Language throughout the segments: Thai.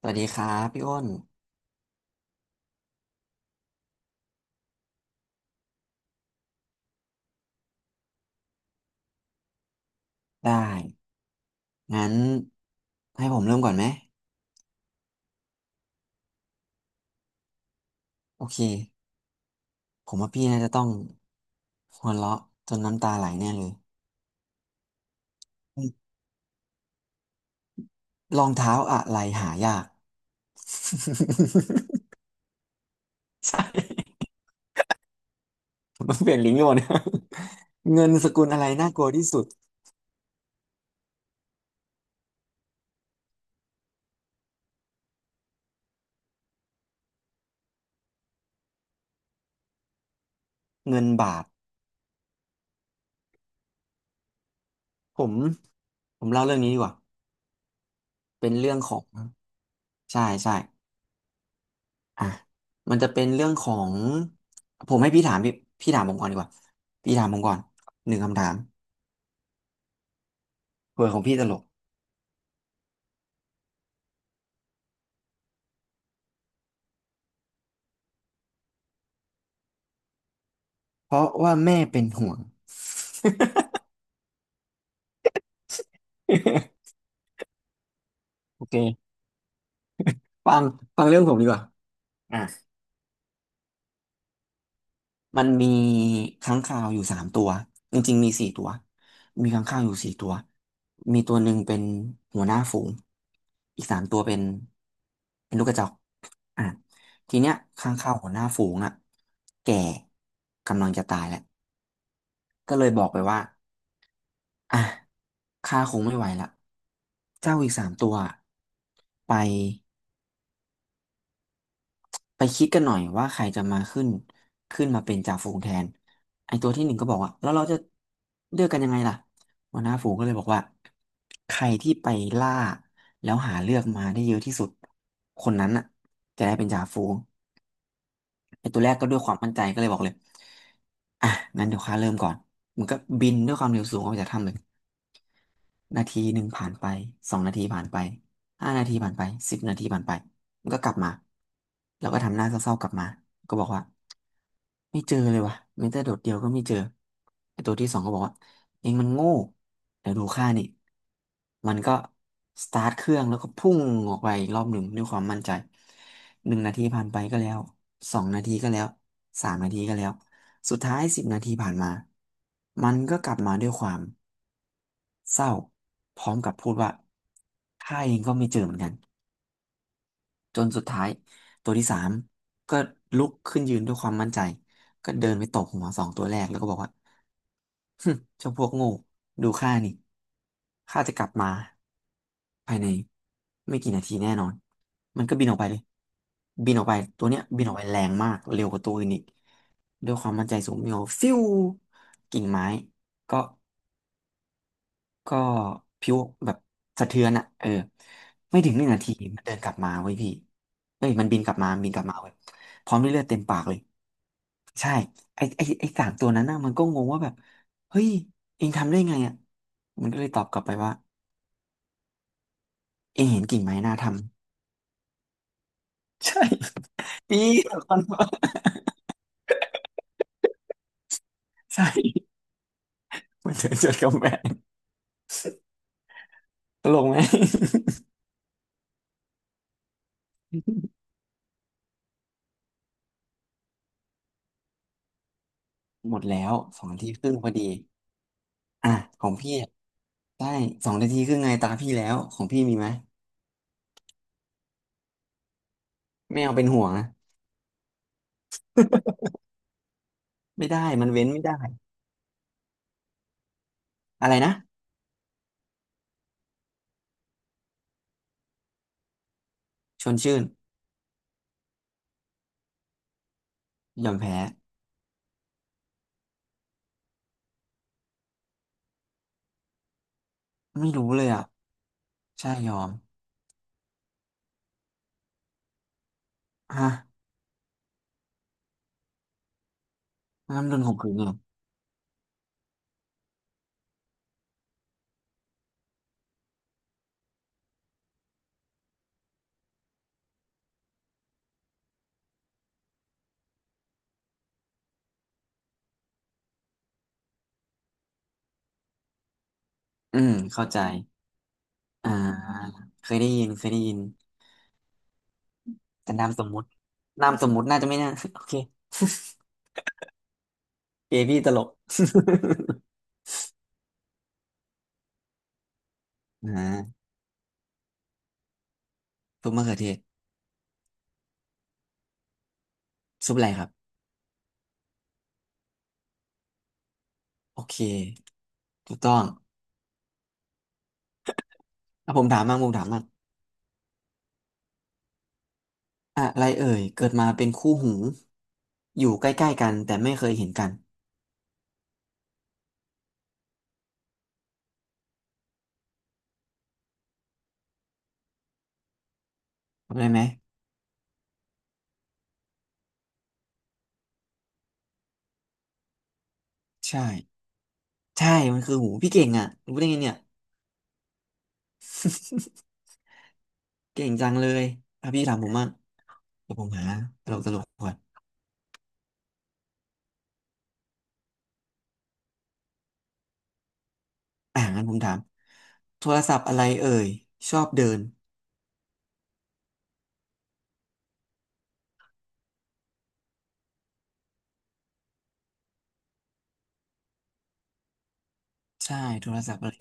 สวัสดีครับพี่อ้นได้งั้นให้ผมเริ่มก่อนไหมโอเคผมว่าพี่น่าจะต้องหัวเราะจนน้ำตาไหลแน่เลยอรองเท้าอะไรหายาก ใช่ผมต้องเปลี่ยนลิงก์ก่อน เงินสกุลอะไรน่ากลัวที่สุดเงินบาทผมผมเล่าเรื่องนี้ดีกว่าเป็นเรื่องของใช่ใช่ อ่ะมันจะเป็นเรื่องของผมให้พี่ถามพี่พี่ถามผมก่อนดีกว่าพี่ถามผมก่อนหนึ่งคำถามเผื่อของพี่ตลกเพราะว่าแม่เป็นห่วง โอเคฟังเรื่องผมดีกว่าอ่ะมันมีค้างคาวอยู่สามตัวจริงๆมีสี่ตัวมีค้างคาวอยู่สี่ตัวมีตัวหนึ่งเป็นหัวหน้าฝูงอีกสามตัวเป็นลูกกระจอกอ่ะทีเนี้ยค้างคาวหัวหน้าฝูงอ่ะแก่กำลังจะตายแล้ว ก็เลยบอกไปว่าอ่ะข้าคงไม่ไหวละเจ้าอีกสามตัวอะไปไปคิดกันหน่อยว่าใครจะมาขึ้นมาเป็นจ่าฝูงแทนไอตัวที่หนึ่งก็บอกว่าแล้วเราจะเลือกกันยังไงล่ะหัวหน้าฝูงก็เลยบอกว่าใครที่ไปล่า แล้วหาเลือกมาได้เยอะที่สุดคนนั้นน่ะจะได้เป็นจ่าฝูงไอตัวแรกก็ด้วยความมั่นใจก็เลยบอกเลยอ่ะงั้นเดี๋ยวข้าเริ่มก่อนมันก็บินด้วยความเร็วสูงออกจากถ้ำเลย นาทีหนึ่งผ่านไปสองนาทีผ่านไปห้านาทีผ่านไปสิบนาทีผ่านไปมันก็กลับมาแล้วก็ทำหน้าเศร้าๆกลับมาก็บอกว่าไม่เจอเลยวะแม้แต่โดดเดียวก็ไม่เจอไอ้ตัวที่สองก็บอกว่าเองมันโง่เดี๋ยวดูข้านี่มันก็สตาร์ทเครื่องแล้วก็พุ่งออกไปอีกรอบหนึ่งด้วยความมั่นใจหนึ่งนาทีผ่านไปก็แล้วสองนาทีก็แล้วสามนาทีก็แล้ว สุดท้ายสิบนาทีผ่านมา มันก็กลับมาด้วยความเศร้าพร้อมกับพูดว่าข้าเองก็ไม่เจอเหมือนกันจนสุดท้ายตัวที่สามก็ลุกขึ้นยืนด้วยความมั่นใจก็เดินไปตบหัวสองตัวแรกแล้วก็บอกว่า ฮึเจ้าพวกโง่ดูข้านี่ข้าจะกลับมาภายในไม่กี่นาทีแน่นอนมันก็บินออกไปเลยบินออกไปตัวเนี้ยบินออกไปแรงมากเร็วกว่าตัวอื่นอีกด้วยความมั่นใจสูงบินออกฟิวกิ่งไม้ก็ ก็ผิวแบบสะเทือนอะเออไม่ถึงหนึ่งนาทีมันเดินกลับมาเว้ยพี่เอ้ยมันบินกลับมาเว้ยพร้อมด้วยเลือดเต็มปากเลยใช่ไอ้สามตัวนั้นน่ะมันก็งงว่าแบบเฮ้ยเองทำได้ไงอ่ะมันก็เลยตอบกลับไปว่าเองเห็นกิ่งไม้หน้าทำ ใช่ ปี่ตะคกนว่าใช่มันเดินจนกำแพงตลกไหม หมดแล้วสองนาทีครึ่งพอดีอ่ะของพี่อะได้สองนาทีครึ่งไงตาพี่แล้วของพี่มีไหม ไม่เอาเป็นห่วงนะไม่ได้มันเว้นไม่ได้อะไรนะชวนชื่นยอมแพ้ไม่รู้เลยอ่ะใช่ยอมฮะงั้นโดนข่มขืนเหรออืมเข้าใจอ่าเคยได้ยินเคยได้ยินแต่นามสมมุติน่าจะไม่น่า โอเค เกพี่ตลก อ่าซุปมะเขือเทศซุปอะไรครับโอเคถูกต้องอ่ะผมถามมากอะไรเอ่ยเกิดมาเป็นคู่หูอยู่ใกล้ๆกันแต่ไม่เคยเห็นกันทำได้ไหมใช่ ใช่มันคือหูพี่เก่งอ่ะรู้ได้ไงเนี่ย เก่งจังเลยอ่ะพี่ถามผมมั่งเดี๋ยวผมหาตลกตลกก่อนอ่างั้นผมถามโทรศัพท์อะไรเอ่ยชอบเดิน ใช่โทรศัพท์อะไร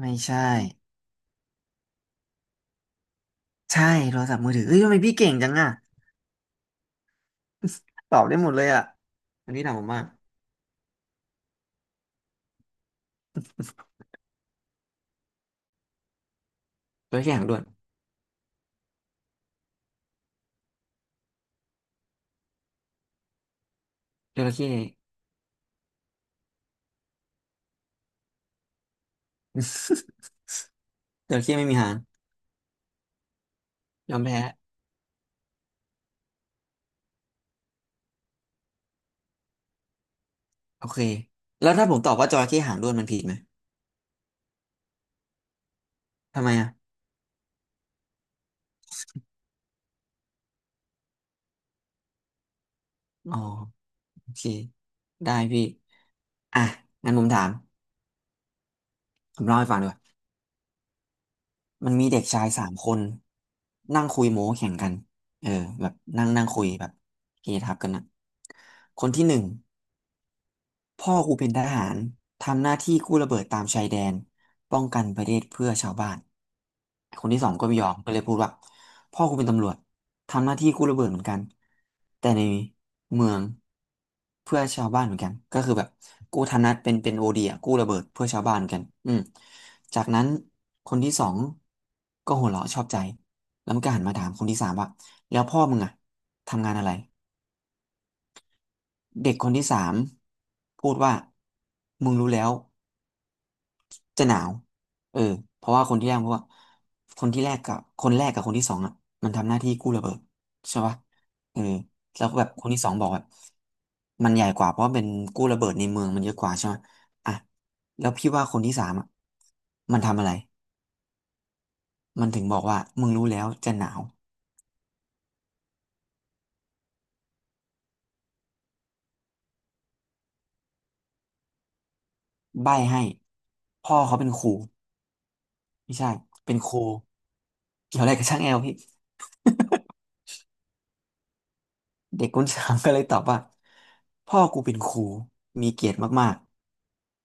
ไม่ใช่ใช่โทรศัพท์มือถือเฮ้ยทำไมพี่เก่งจังอ่ะตอบได้หมดเลยอ่ะอันนี้ถามผมมั่งจระเข้หางด้วนจระเข้ จระเข้ไม่มีหางยอมแพ้โอเคแล้วถ้าผมตอบว่าจระเข้หางด้วนมันผิดไหมทำไมอ่ะอ๋อโอเคได้พี่อ่ะงั้นผมถาม ผมเล่าให้ฟังดีกว่ามันมีเด็กชายสามคนนั่งคุยโม้แข่งกันเออแบบนั่งนั่งคุยแบบเฮทับกันนะ คนที่หนึ่ง พ่อกูเป็นทหารทำหน้าที่กู้ระเบิดตามชายแดนป้องกันประเทศเพื่อชาวบ้านคนที่สองก็ไม่ยอมก็เลยพูดว่าพ่อกูเป็นตำรวจทำหน้าที่กู้ระเบิดเหมือนกันแต่ในเมืองเพื่อชาวบ้านเหมือนกันก็คือแบบกู้ธนัตเป็นโอเดียกู้ระเบิดเพื่อชาวบ้านเหมือนกันอืมจากนั้นคนที่สองก็หัวเราะชอบใจแล้วมันก็หันมาถามคนที่สามว่าแล้วพ่อมึงอะทำงานอะไร เด็กคนที่สามพูดว่ามึงรู้แล้วจะหนาวเออเพราะว่าคนที่แรกพูดว่าคนที่แรกกับคนแรกกับคนที่สองอ่ะมันทำหน้าที่กู้ระเบิดใช่ปะเออแล้วก็แบบคนที่สองบอกแบบมันใหญ่กว่าเพราะเป็นกู้ระเบิดในเมืองมันเยอะกว่าใช่ไหมอ่ะแล้วพี่ว่าคนที่สามอ่ะมันทำอะไรมันถึงบอกว่ามึงรู้แล้วจะหนาวใบ้ให้พ่อเขาเป็นครูไม่ใช่เป็นครูเกี่ยวอะไรกับช่างแอลพี่ เด็กคนสามก็เลยตอบว่าพ่อกูเป็นครูมีเกียรติมาก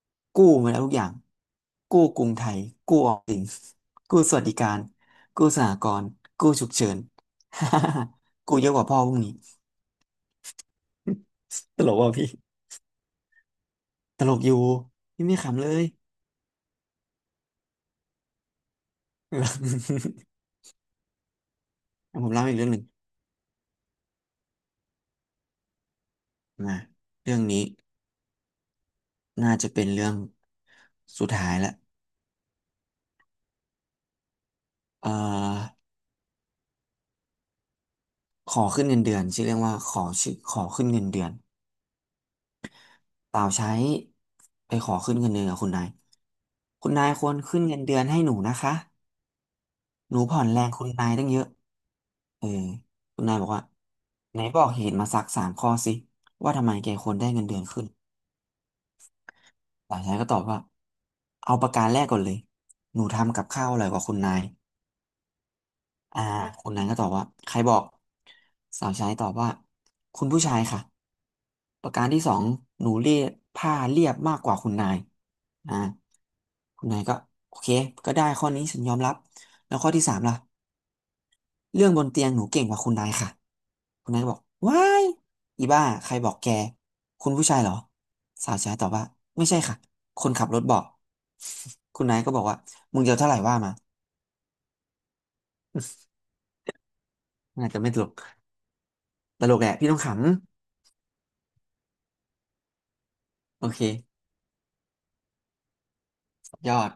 ๆกู้มาแล้วทุกอย่างกู้กรุงไทยกู้ออมสินกู้สวัสดิการกู้สหกรณ์กู้ฉุกเฉิน กูเยอะกว่าพ่อพวกนี้ตลกว่ะพี่ตลกอยู่พี่ไม่ขำเลย ผมเล่าอีกเรื่องหนึ่งมาเรื่องนี้น่าจะเป็นเรื่องสุดท้ายละเอ่อขอขึ้นเงินเดือนชื่อเรื่องว่าขอขึ้นเงินเดือน เปล่าใช้ไปขอขึ้นเงินเดือนกับคุณนาย คุณนายควรขึ้นเงินเดือนให้หนูนะคะ หนูผ่อนแรงคุณนายตั้งเยอะ เออคุณนายบอกว่าไหนบอกเหตุมาสักสามข้อสิว่าทำไมแกควรได้เงินเดือนขึ้นตล่าใช้ก็ตอบว่าเอาประการแรกก่อนเลยหนูทำกับข้าวอร่อยกว่าคุณนาย อ่าคนนั้นก็ตอบว่าใครบอกสาวใช้ตอบว่าคุณผู้ชายค่ะประการที่สองหนูเรียบผ้าเรียบมากกว่าคุณนายอ่าคุณนายก็โอเคก็ได้ข้อนี้ฉันยอมรับแล้วข้อที่สามล่ะเรื่องบนเตียงหนูเก่งกว่าคุณนายค่ะคุณนายก็บอกว้ายอีบ้าใครบอกแกคุณผู้ชายเหรอสาวใช้ตอบว่าไม่ใช่ค่ะคนขับรถบอก คุณนายก็บอกว่ามึงจะเอาเท่าไหร่ว่ามา อาจจะไม่ตลกตลกแหละพี่ต้องขำ โอเค ยอด